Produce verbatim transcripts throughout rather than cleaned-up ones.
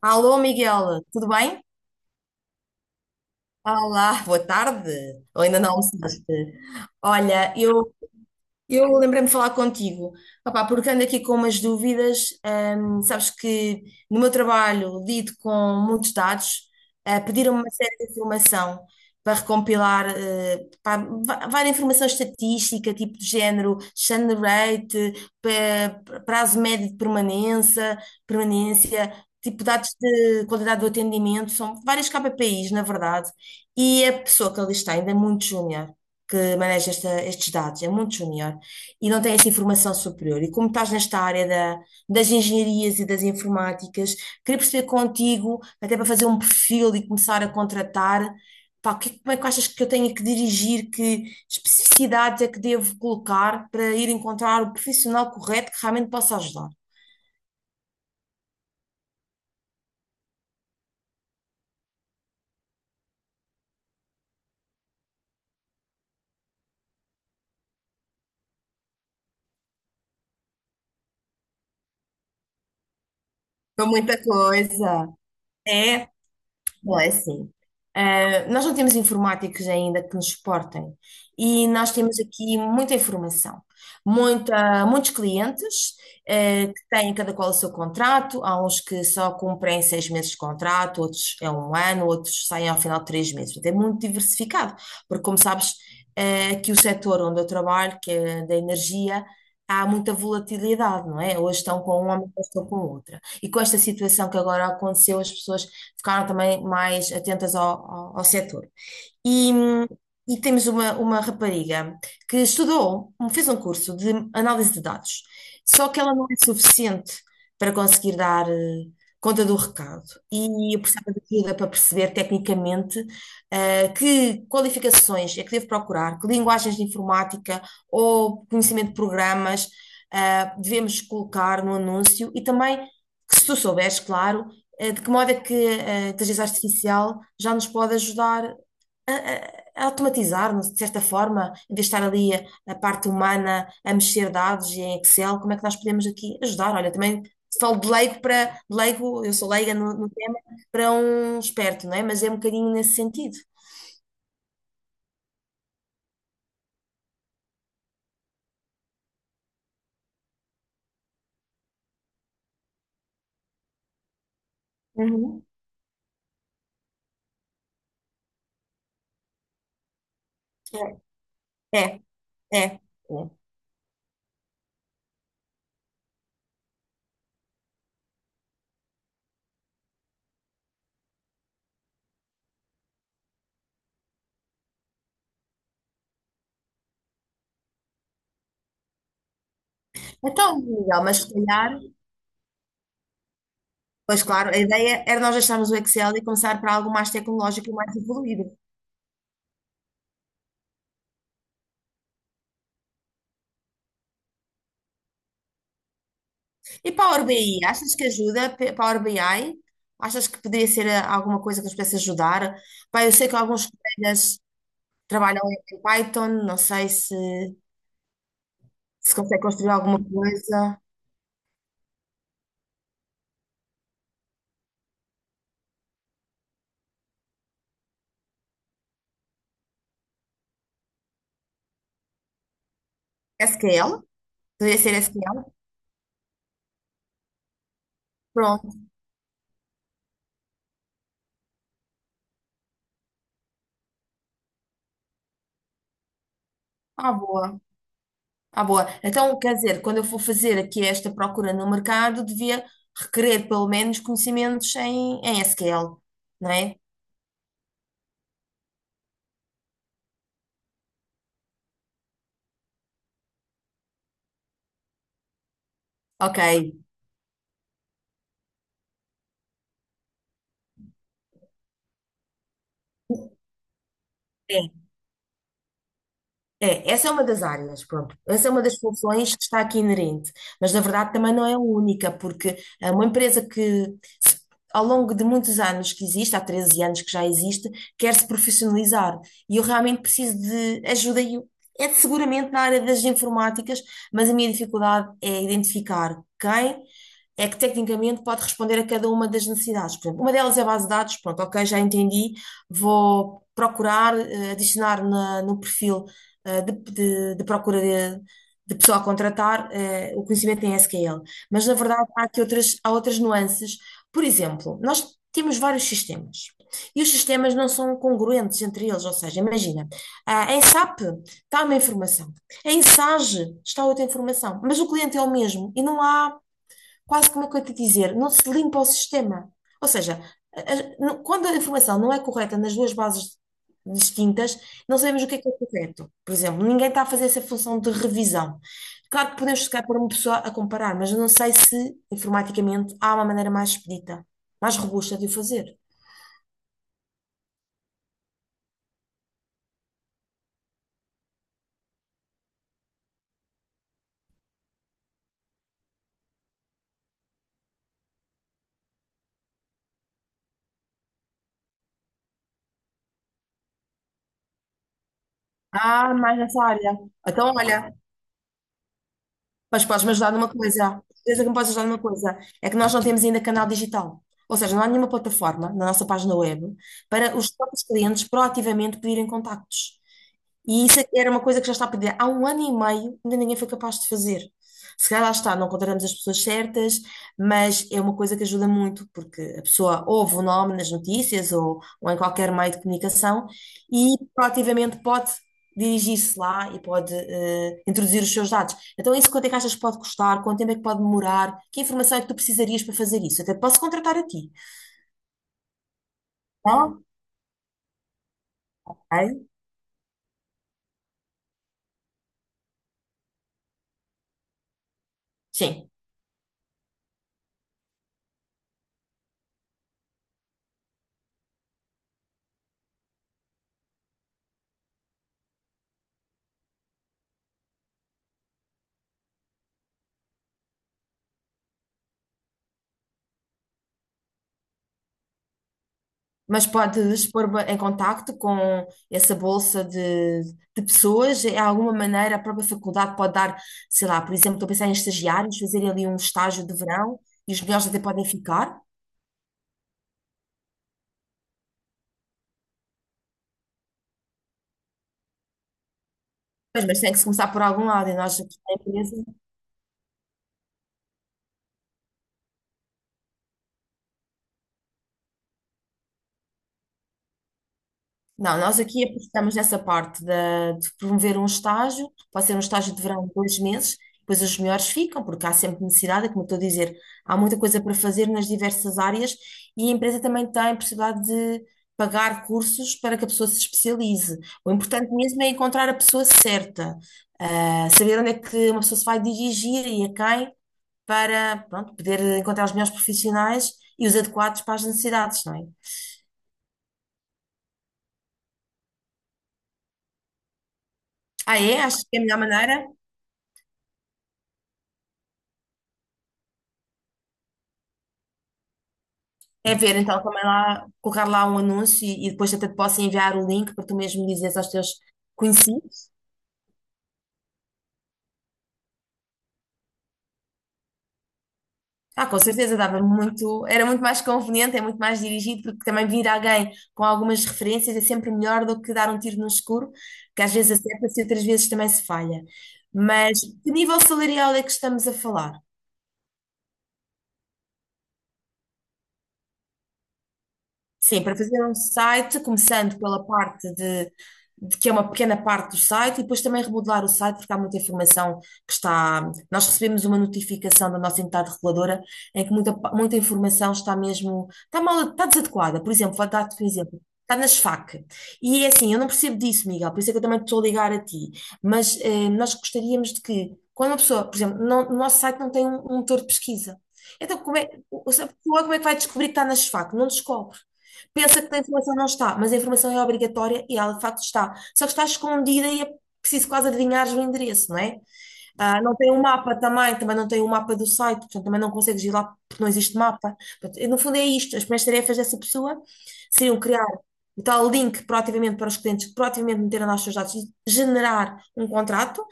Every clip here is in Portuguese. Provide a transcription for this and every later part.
Alô, Miguel, tudo bem? Olá, boa tarde. Ou ainda não almoçaste? Olha, eu eu lembrei-me de falar contigo, opá, porque ando aqui com umas dúvidas. Hum, sabes que no meu trabalho lido com muitos dados, eh, pediram-me uma série de informação para recompilar, eh, pá, va- várias informação estatística, tipo de género, churn rate, pa- prazo médio de permanência, permanência, tipo dados de qualidade do atendimento, são vários K P Is, na verdade, e a pessoa que ali está ainda é muito júnior, que maneja esta- estes dados, é muito júnior e não têm essa informação superior. E como estás nesta área da- das engenharias e das informáticas, queria perceber contigo, até para fazer um perfil e começar a contratar. Pá, o que- como é que achas que eu tenho que dirigir, que especificidades é que devo colocar para ir encontrar o profissional correto que realmente possa ajudar? Foi muita coisa. É? Não é assim. Ah, nós não temos informáticos ainda que nos suportem e nós temos aqui muita informação, muita, muitos clientes, eh, que têm cada qual o seu contrato. Há uns que só cumprem seis meses de contrato, outros é um ano, outros saem ao final de três meses. Portanto, é muito diversificado, porque, como sabes, eh, aqui o setor onde eu trabalho, que é da energia, há muita volatilidade, não é? Hoje estão com uma, hoje estão com outra. E com esta situação que agora aconteceu, as pessoas ficaram também mais atentas ao, ao, ao setor. E, e temos uma, uma rapariga que estudou, fez um curso de análise de dados, só que ela não é suficiente para conseguir dar, eh, conta do recado. E eu precisava de ajuda para perceber tecnicamente, eh, que qualificações é que devo procurar, que linguagens de informática ou conhecimento de programas eh, devemos colocar no anúncio, e também, que se tu souberes, claro, eh, de que modo é que eh, a inteligência artificial já nos pode ajudar a, a- a automatizar-nos, de certa forma. Em vez de estar ali a, a parte humana a mexer dados e em Excel, como é que nós podemos aqui ajudar? Olha, também falo de leigo para, de leigo, eu sou leiga no, no tema, para um esperto, não é? Mas é um bocadinho nesse sentido. Uhum. É, é. É. É. Então, Miguel, mas se calhar, pois claro, a ideia era nós deixarmos o Excel e começar para algo mais tecnológico e mais evoluído. E Power B I, achas que ajuda? P- Power B I? Achas que poderia ser, eh, alguma coisa que nos pudesse ajudar? Pá, eu sei que alguns colegas trabalham em Python, não sei se, se consegue construir alguma coisa. S Q L? Poderia ser S Q L? Pronto, à boa, à boa. Então, quer dizer, quando eu for fazer aqui esta procura no mercado, devia requerer pelo menos conhecimentos em, em S Q L, não é? Ok. É. É, essa é uma das áreas, pronto. Essa é uma das funções que está aqui inerente, mas na verdade também não é a única, porque, eh, uma empresa que ao longo de muitos anos que existe, há treze anos que já existe, quer-se profissionalizar. E eu realmente preciso de ajuda, e eu- é seguramente na área das informáticas, mas a minha dificuldade é identificar quem é que tecnicamente pode responder a cada uma das necessidades. Por exemplo, uma delas é a base de dados, pronto, ok, já entendi. Vou procurar, eh, adicionar na- no perfil, eh, de, de- de procura de, de, pessoa a contratar, eh, o conhecimento em S Q L. Mas, na verdade, há aqui outras, há outras nuances. Por exemplo, nós temos vários sistemas e os sistemas não são congruentes entre eles. Ou seja, imagina, ah, em SAP está uma informação, em SAGE está outra informação, mas o cliente é o mesmo e não há quase, como eu te dizer, não se limpa o sistema. Ou seja, a- a- não- quando a informação não é correta nas duas bases distintas, não sabemos o que é que é correto. Por exemplo, ninguém está a fazer essa função de revisão. Claro que podemos chegar para uma pessoa a comparar, mas eu não sei se, informaticamente, há uma maneira mais expedita, mais robusta de o fazer. Ah, mais nessa área. Então, olha, mas podes-me ajudar numa coisa. Certeza que me podes ajudar numa coisa. É que nós não temos ainda canal digital. Ou seja, não há nenhuma plataforma na nossa página web para os próprios clientes proativamente pedirem contactos. E isso era uma coisa que já está a pedir há um ano e meio, ainda ninguém foi capaz de fazer. Se calhar lá está, não encontramos as pessoas certas, mas é uma coisa que ajuda muito, porque a pessoa ouve o nome nas notícias, ou, ou em qualquer meio de comunicação, e proativamente pode dirigir-se lá e pode, eh, introduzir os seus dados. Então, isso quanto é que achas que pode custar? Quanto tempo é que pode demorar? Que informação é que tu precisarias para fazer isso? Até posso contratar a ti. Não? Ok? Sim. Mas podes pôr em contacto com essa bolsa de, de pessoas? De alguma maneira, a própria faculdade pode dar, sei lá, por exemplo, estou a pensar em estagiários, fazerem ali um estágio de verão, e os melhores até podem ficar. Pois, mas tem que se começar por algum lado, e nós aqui na empresa. Não, nós aqui apostamos nessa parte da- de, promover um estágio. Pode ser um estágio de verão de dois meses, depois os melhores ficam, porque há sempre necessidade. É como eu estou a dizer, há muita coisa para fazer nas diversas áreas, e a empresa também tem possibilidade de pagar cursos para que a pessoa se especialize. O importante mesmo é encontrar a pessoa certa, ah, saber onde é que uma pessoa se vai dirigir e a quem, para, pronto, poder encontrar os melhores profissionais e os adequados para as necessidades, não é? Ah, é? Acho que é a melhor maneira. É ver, então, também lá, colocar lá um anúncio, e, e depois até te posso enviar o link para tu mesmo dizeres aos teus conhecidos. Ah, com certeza, dava muito, era muito mais conveniente, é muito mais dirigido, porque também vir alguém com algumas referências é sempre melhor do que dar um tiro no escuro, que às vezes acerta-se e outras vezes também se falha. Mas que nível salarial é que estamos a falar? Sim, para fazer um site, começando pela parte de, de, que é uma pequena parte do site, e depois também remodelar o site, porque há muita informação que está. Nós recebemos uma notificação da nossa entidade reguladora em que muita, muita informação está mesmo, está mal, está desadequada. Por exemplo, vou dar-te um exemplo. Está nas F A Q. E é assim, eu não percebo disso, Miguel, por isso é que eu também te estou a ligar a ti. Mas, eh, nós gostaríamos de que, quando uma pessoa, por exemplo, não- no nosso site não tem um, um motor de pesquisa. Então, como é, a pessoa, como é que vai descobrir que está nas F A Q? Não descobre, pensa que a informação não está, mas a informação é obrigatória e ela de facto está. Só que está escondida e é preciso quase adivinhar o endereço, não é? Ah, não tem o mapa também, também não tem o mapa do site, portanto também não consegues ir lá porque não existe mapa. Portanto, e, no fundo, é isto, as primeiras tarefas dessa pessoa seriam criar o tal link proativamente para os clientes que proativamente meteram lá os seus dados e generar um contrato,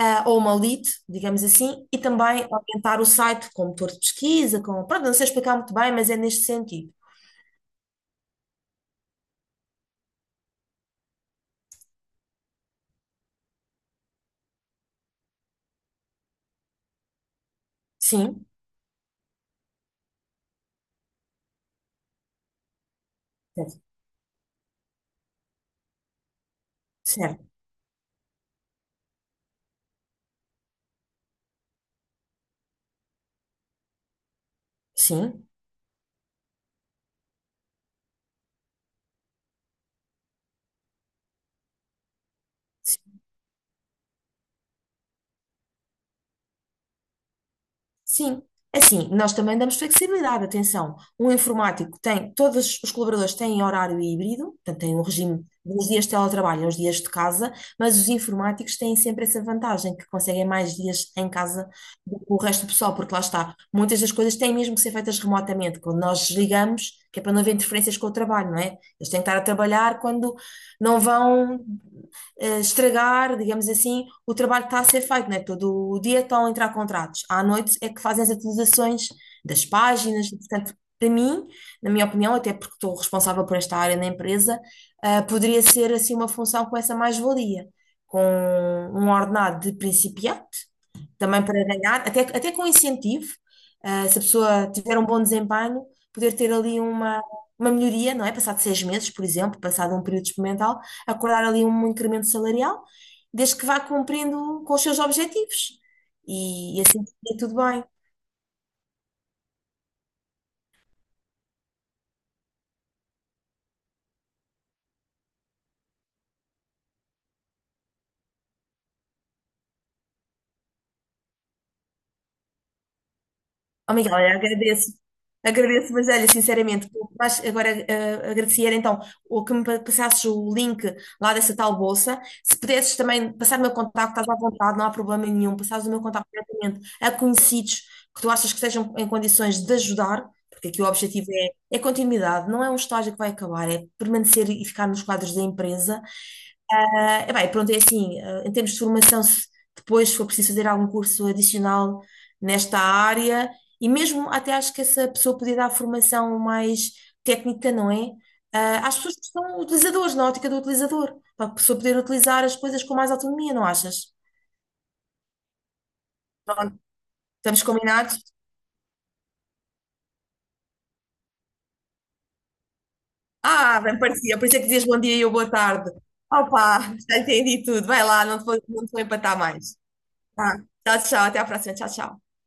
ah, ou uma lead, digamos assim, e também orientar o site com motor de pesquisa, com... Pronto, não sei explicar muito bem, mas é neste sentido. Sim, certo. Certo. Sim, sim. Sim. Assim, nós também damos flexibilidade, atenção. Um informático tem, todos os colaboradores têm horário híbrido, portanto, têm um regime dos dias de teletrabalho aos dias de casa, mas os informáticos têm sempre essa vantagem, que conseguem mais dias em casa do que o resto do pessoal, porque lá está, muitas das coisas têm mesmo que ser feitas remotamente, quando nós desligamos, que é para não haver interferências com o trabalho, não é? Eles têm que estar a trabalhar quando não vão eh, estragar, digamos assim, o trabalho que está a ser feito, né? Todo o dia estão a entrar contratos. À noite é que fazem as atualizações das páginas. Portanto, para mim, na minha opinião, até porque estou responsável por esta área na empresa, eh, poderia ser assim uma função com essa mais-valia, com um ordenado de principiante, também para ganhar, até, até com incentivo, ah, se a pessoa tiver um bom desempenho, poder ter ali uma, uma, melhoria, não é? Passado seis meses, por exemplo, passado um período experimental, acordar ali um incremento salarial, desde que vá cumprindo com os seus objetivos. E, e assim fica tudo bem. Oh, Miguel, eu agradeço. Agradeço, mas olha, sinceramente, o que mais agora, eh, agradecer então o que me pa- passasses o link lá dessa tal bolsa. Se pudesses também passar o meu contacto, estás à vontade, não há problema nenhum. Passares o meu contacto diretamente a conhecidos que tu achas que estejam em condições de ajudar, porque aqui o objetivo é, é continuidade, não é um estágio que vai acabar, é permanecer e ficar nos quadros da empresa. Ah, eh, bem, pronto, é assim, ah, em termos de formação, se depois for preciso fazer algum curso adicional nesta área, e mesmo até acho que essa pessoa podia dar formação mais técnica, não é? Ah, às pessoas que são utilizadores, na ótica do utilizador, para a pessoa poder utilizar as coisas com mais autonomia, não achas? Estamos combinados? Ah, bem parecia, por isso é que dizias bom dia e eu boa tarde. Opa, já entendi tudo. Vai lá, não te vou, não te vou empatar mais. Tá. Tchau, tchau, até à próxima. Tchau, tchau.